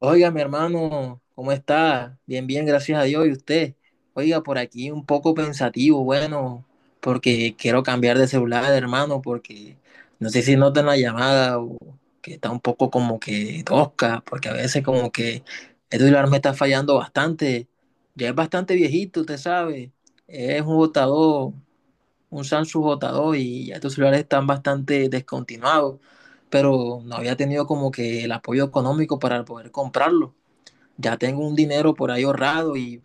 Oiga, mi hermano, ¿cómo está? Bien, bien, gracias a Dios. ¿Y usted? Oiga, por aquí un poco pensativo, bueno, porque quiero cambiar de celular, hermano, porque no sé si notan la llamada o que está un poco como que tosca, porque a veces como que este celular me está fallando bastante. Ya es bastante viejito, usted sabe. Es un botador, un Samsung botador y ya estos celulares están bastante descontinuados, pero no había tenido como que el apoyo económico para poder comprarlo ya tengo un dinero por ahí ahorrado y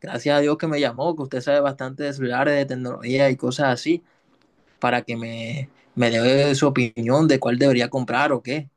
gracias a Dios que me llamó, que usted sabe bastante de celulares, de tecnología y cosas así, para que me dé su opinión de cuál debería comprar o qué.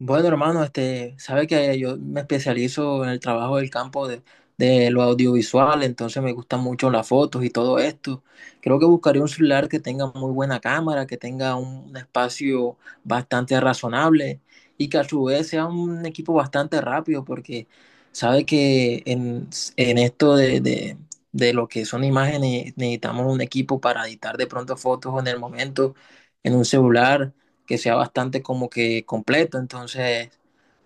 Bueno, hermano, este, sabe que yo me especializo en el trabajo del campo de lo audiovisual, entonces me gustan mucho las fotos y todo esto. Creo que buscaré un celular que tenga muy buena cámara, que tenga un espacio bastante razonable y que a su vez sea un equipo bastante rápido, porque sabe que en esto de lo que son imágenes necesitamos un equipo para editar de pronto fotos en el momento, en un celular que sea bastante como que completo. Entonces,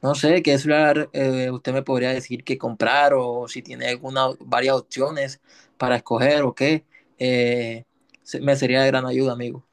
no sé qué celular usted me podría decir que comprar o si tiene alguna, varias opciones para escoger o qué. Eh, Me sería de gran ayuda, amigo.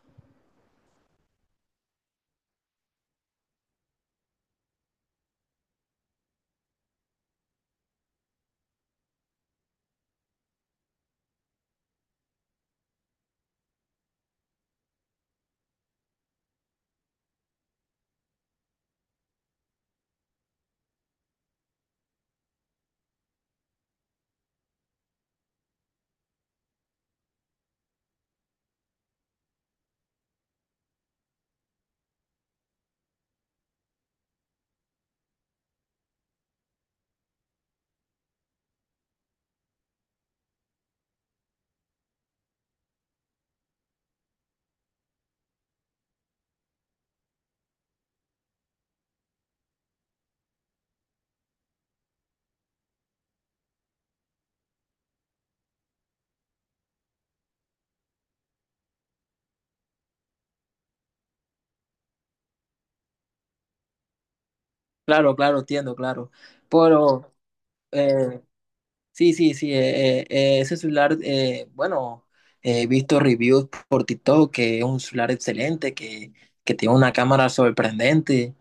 Claro, claro, entiendo, claro. Pero, eh, sí, sí, sí, ese celular, bueno, he visto reviews por TikTok que es un celular excelente, que tiene una cámara sorprendente,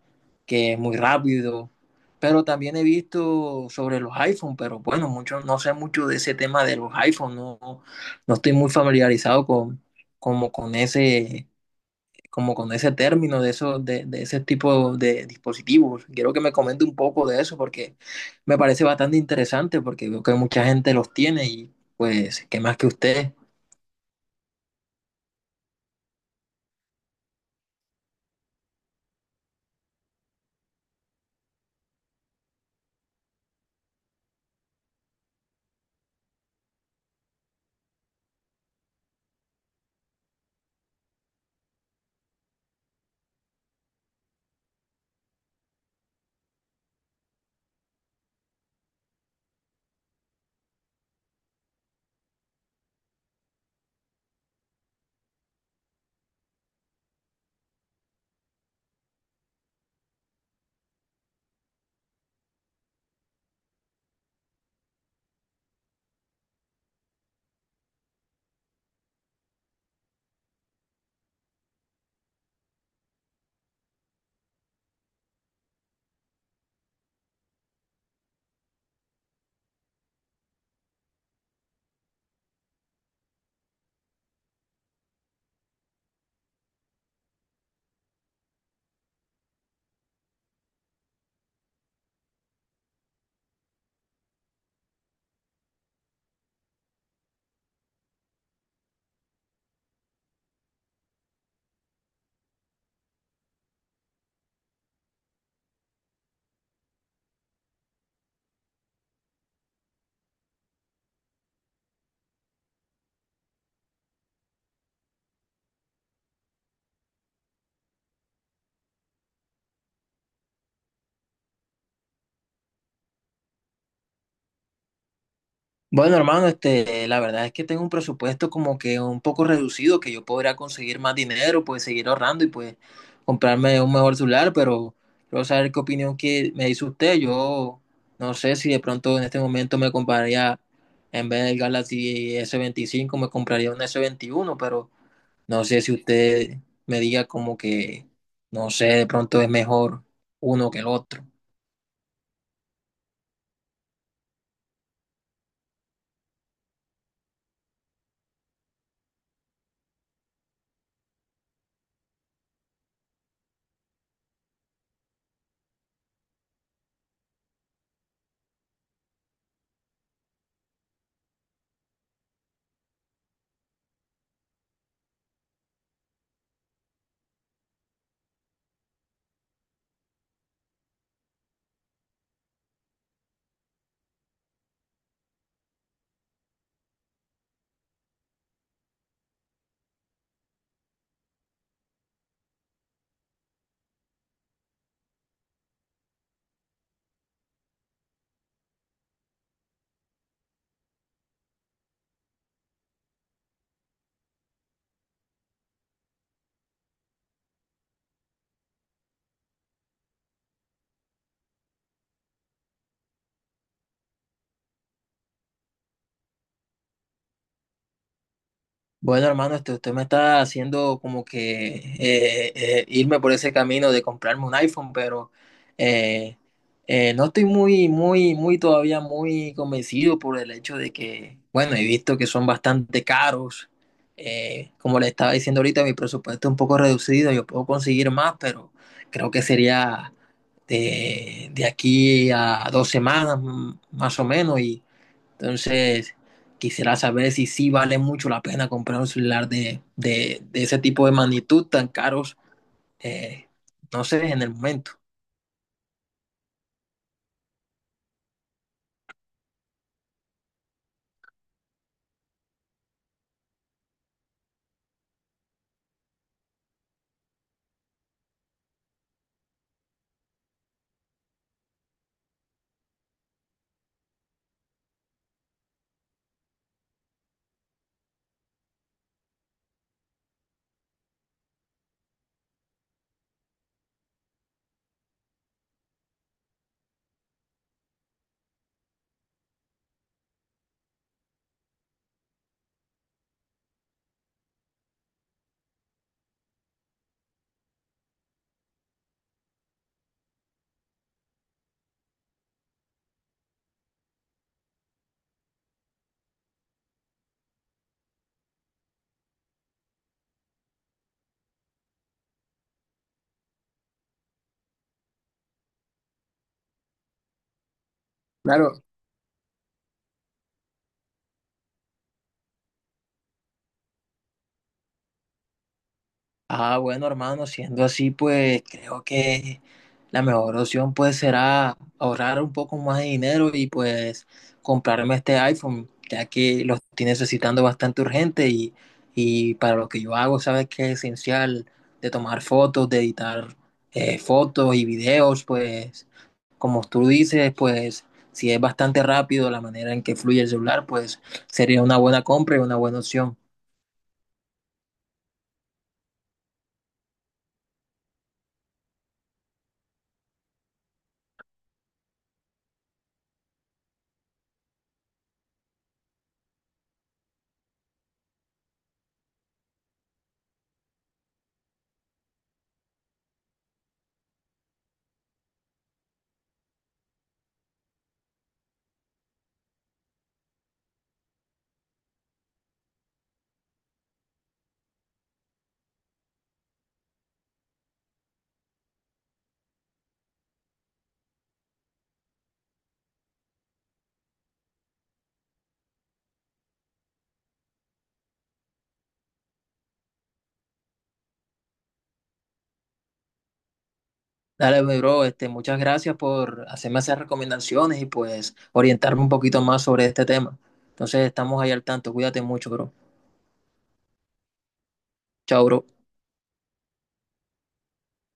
que es muy rápido, pero también he visto sobre los iPhone, pero bueno, mucho, no sé mucho de ese tema de los iPhone, no, no estoy muy familiarizado con, como con ese, como con ese término de ese tipo de dispositivos. Quiero que me comente un poco de eso porque me parece bastante interesante porque veo que mucha gente los tiene y pues, ¿qué más que usted? Bueno, hermano, este, la verdad es que tengo un presupuesto como que un poco reducido, que yo podría conseguir más dinero, pues seguir ahorrando y pues comprarme un mejor celular, pero quiero saber qué opinión que me dice usted. Yo no sé si de pronto en este momento me compraría, en vez del Galaxy S25, me compraría un S21, pero no sé si usted me diga como que, no sé, de pronto es mejor uno que el otro. Bueno, hermano, este, usted me está haciendo como que irme por ese camino de comprarme un iPhone, pero eh, no estoy muy todavía muy convencido por el hecho de que, bueno, he visto que son bastante caros. Como le estaba diciendo ahorita, mi presupuesto es un poco reducido, yo puedo conseguir más, pero creo que sería de aquí a dos semanas más o menos y entonces, quisiera saber si sí vale mucho la pena comprar un celular de ese tipo de magnitud tan caros, eh, no sé, en el momento. Claro. Ah, bueno, hermano, siendo así, pues creo que la mejor opción pues será ahorrar un poco más de dinero y pues comprarme este iPhone, ya que lo estoy necesitando bastante urgente y para lo que yo hago, sabes que es esencial de tomar fotos, de editar fotos y videos, pues como tú dices, pues si es bastante rápido la manera en que fluye el celular, pues sería una buena compra y una buena opción. Dale, mi bro, este, muchas gracias por hacerme esas recomendaciones y pues orientarme un poquito más sobre este tema. Entonces, estamos ahí al tanto. Cuídate mucho, bro. Chao, bro.